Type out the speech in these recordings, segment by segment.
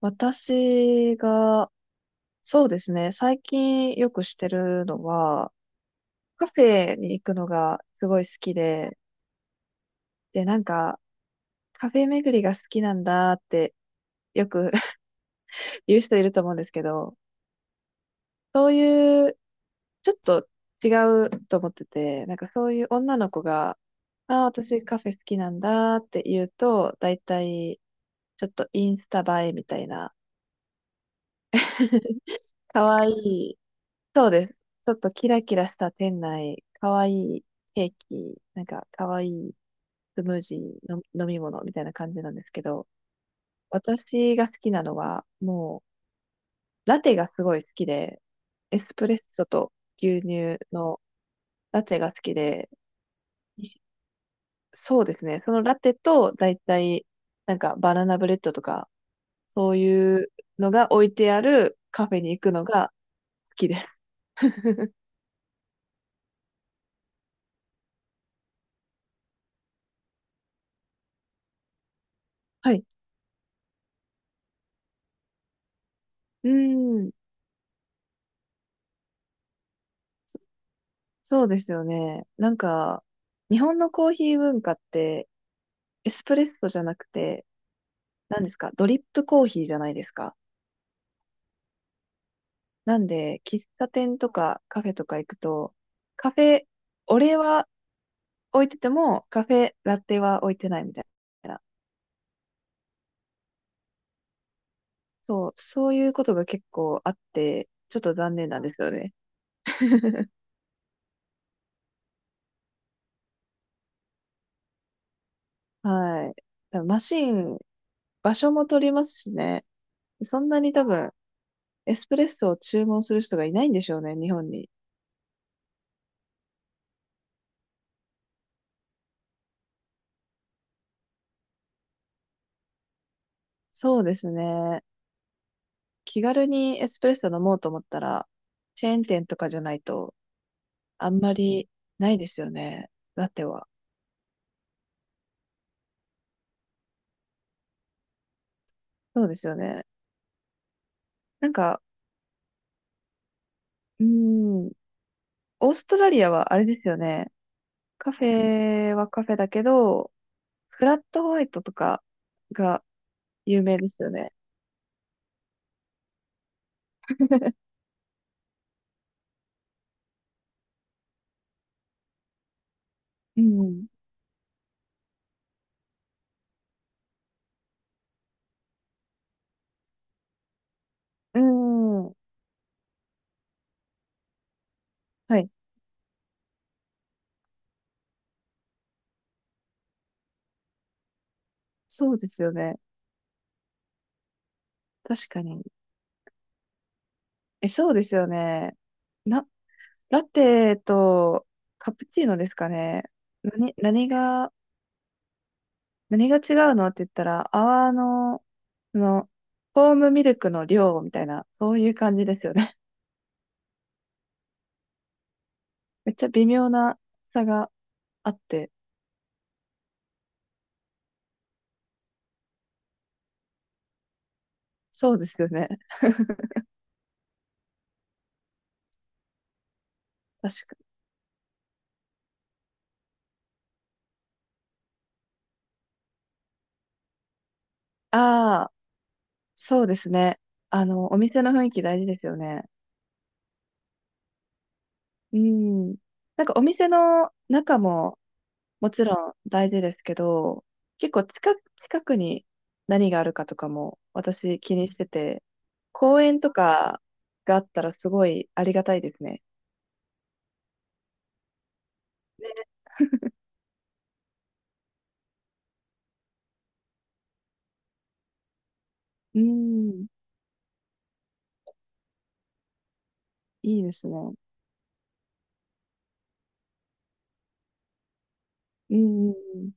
私が、そうですね、最近よくしてるのは、カフェに行くのがすごい好きで、なんか、カフェ巡りが好きなんだってよく 言う人いると思うんですけど、そういう、ちょっと違うと思ってて、なんかそういう女の子が、ああ、私カフェ好きなんだって言うと、だいたいちょっとインスタ映えみたいな、可愛いそうです。ちょっとキラキラした店内、かわいいケーキ、なんかかわいいスムージーの飲み物みたいな感じなんですけど、私が好きなのは、もう、ラテがすごい好きで、エスプレッソと牛乳のラテが好きで、そうですね。そのラテと、だいたい、なんかバナナブレッドとか、そういうのが置いてあるカフェに行くのが好きです。はい。うーん。そうですよね。なんか、日本のコーヒー文化って、エスプレッソじゃなくて、何ですか、ドリップコーヒーじゃないですか。なんで、喫茶店とかカフェとか行くと、カフェ、オレは置いてても、カフェ、ラテは置いてないみたいな。そういうことが結構あって、ちょっと残念なんですよね。はい。多分マシン、場所も取りますしね。そんなに多分、エスプレッソを注文する人がいないんでしょうね、日本に。そうですね。気軽にエスプレッソ飲もうと思ったら、チェーン店とかじゃないと、あんまりないですよね。ラテは。そうですよね。なんか、うーん、オーストラリアはあれですよね。カフェはカフェだけど、フラットホワイトとかが有名ですよね。うん。うん。はい。そうですよね。確かに。え、そうですよね。な、ラテとカプチーノですかね。何、何が何が違うのって言ったら、泡の、その、フォームミルクの量みたいな、そういう感じですよね。めっちゃ微妙な差があって、そうですよね。確かに。ああ、そうですね。お店の雰囲気大事ですよね。うん。なんかお店の中ももちろん大事ですけど、結構近くに何があるかとかも私気にしてて、公園とかがあったらすごいありがたいですね。うん、いいですね。うん、うん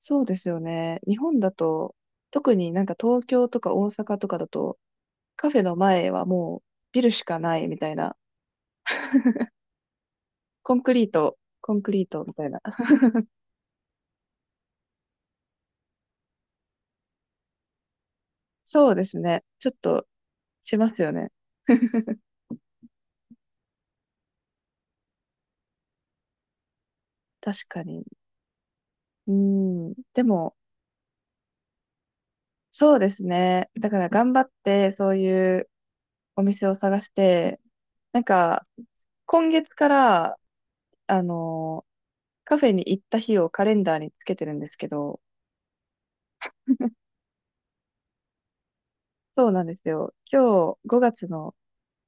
そうですよね。日本だと、特になんか東京とか大阪とかだと、カフェの前はもうビルしかないみたいな、コンクリート、コンクリートみたいな。そうですね。ちょっとしますよね。確かに。うん、でも、そうですね。だから頑張って、そういうお店を探して、なんか、今月から、あの、カフェに行った日をカレンダーにつけてるんですけど、そうなんですよ。今日5月の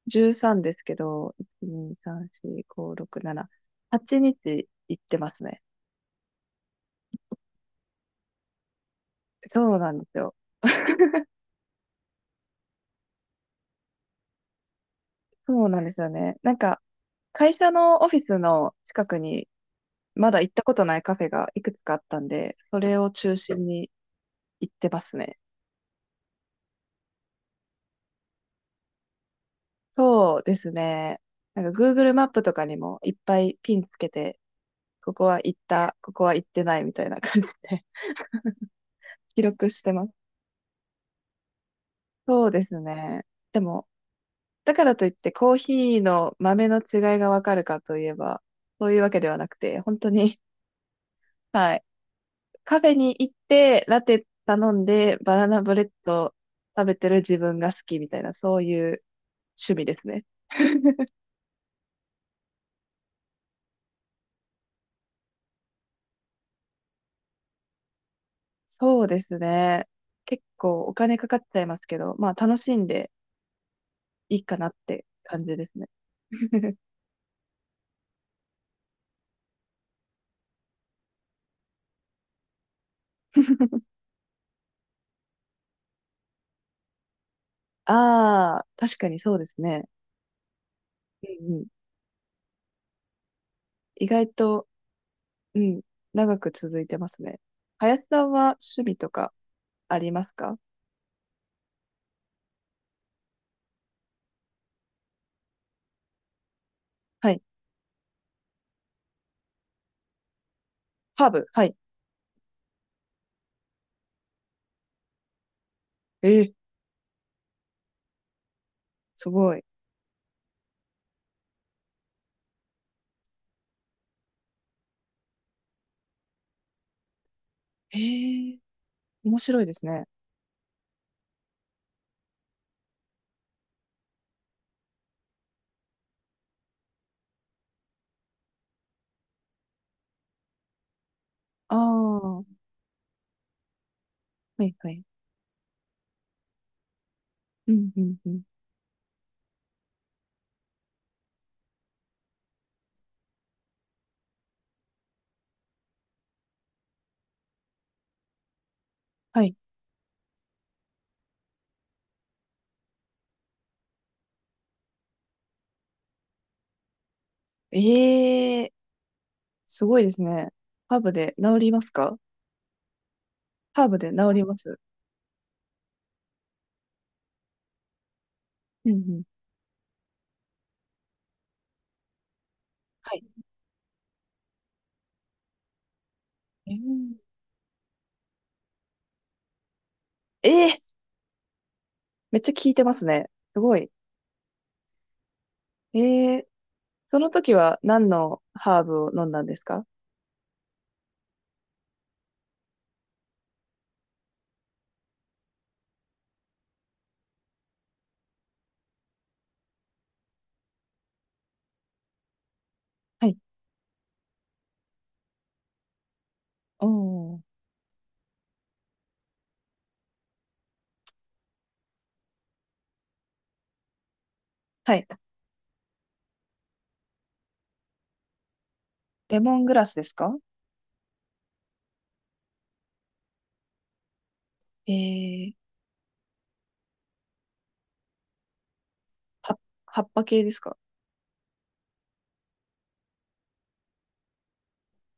13ですけど、1、2、3、4、5、6、7、8日行ってますね。そうなんですよ。そうなんですよね。なんか、会社のオフィスの近くにまだ行ったことないカフェがいくつかあったんで、それを中心に行ってますね。そうですね。なんか Google マップとかにもいっぱいピンつけて、ここは行った、ここは行ってないみたいな感じで 記録してます。そうですね。でもだからといってコーヒーの豆の違いがわかるかといえば、そういうわけではなくて、本当に、はい。カフェに行って、ラテ頼んで、バナナブレッド食べてる自分が好きみたいな、そういう趣味ですね。そうですね。結構お金かかっちゃいますけど、まあ楽しんでいいかなって感じですね。ああ、確かにそうですね。うんうん。意外と、うん、長く続いてますね。林さんは趣味とかありますか？はい。ハーブ。はい。えー、すごい。えー、面白いですね。ああ、はいはい。うん、うん、うん。はい。ええすごいですね。ハーブで治りますか？ハーブで治ります。うん、うん。はい。えー、えーめっちゃ効いてますね。すごい。ええその時は何のハーブを飲んだんですか？はい。おー。はい。レモングラスですか？ええー、は葉っぱ系ですか？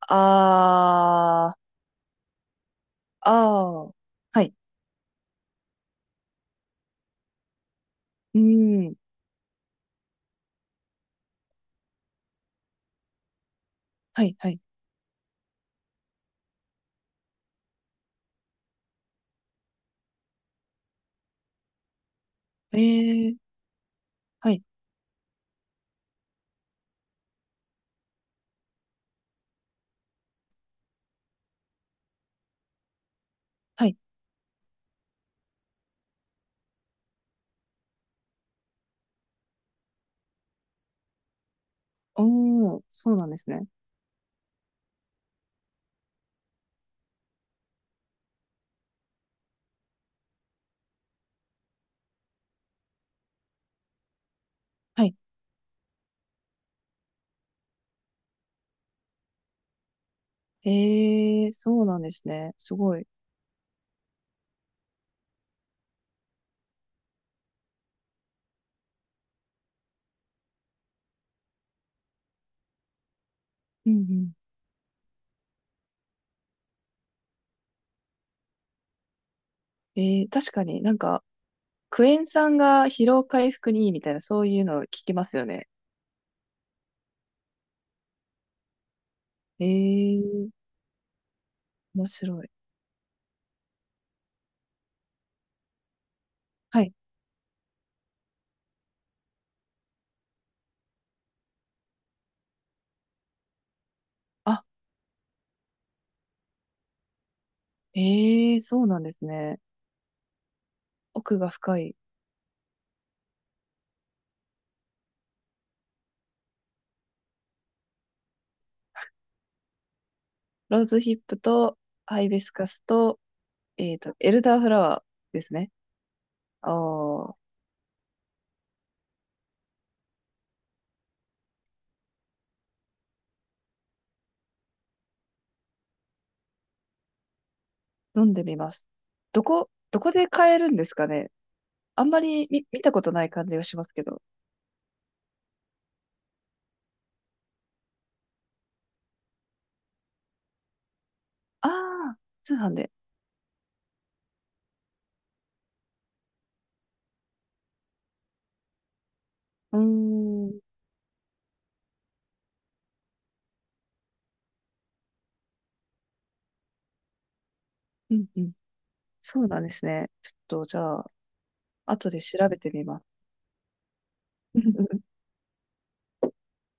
あー、あー。はいうーん。はい、はい。ええ、はい、はい。おー、そうなんですね。はい。ええ、そうなんですね。すごい。うんうん。ええ、確かになんか、クエン酸が疲労回復にいいみたいな、そういうの聞きますよね。ええ、面白い。はい。あ、ええ、そうなんですね。奥が深い。ローズヒップと、ハイビスカスと、エルダーフラワーですね。ああ飲んでみます。どこで買えるんですかね？あんまり見たことない感じがしますけど。ああ、通販で。うーん。うんうん。そうなんですね。ちょっと、じゃあ、後で調べてみます。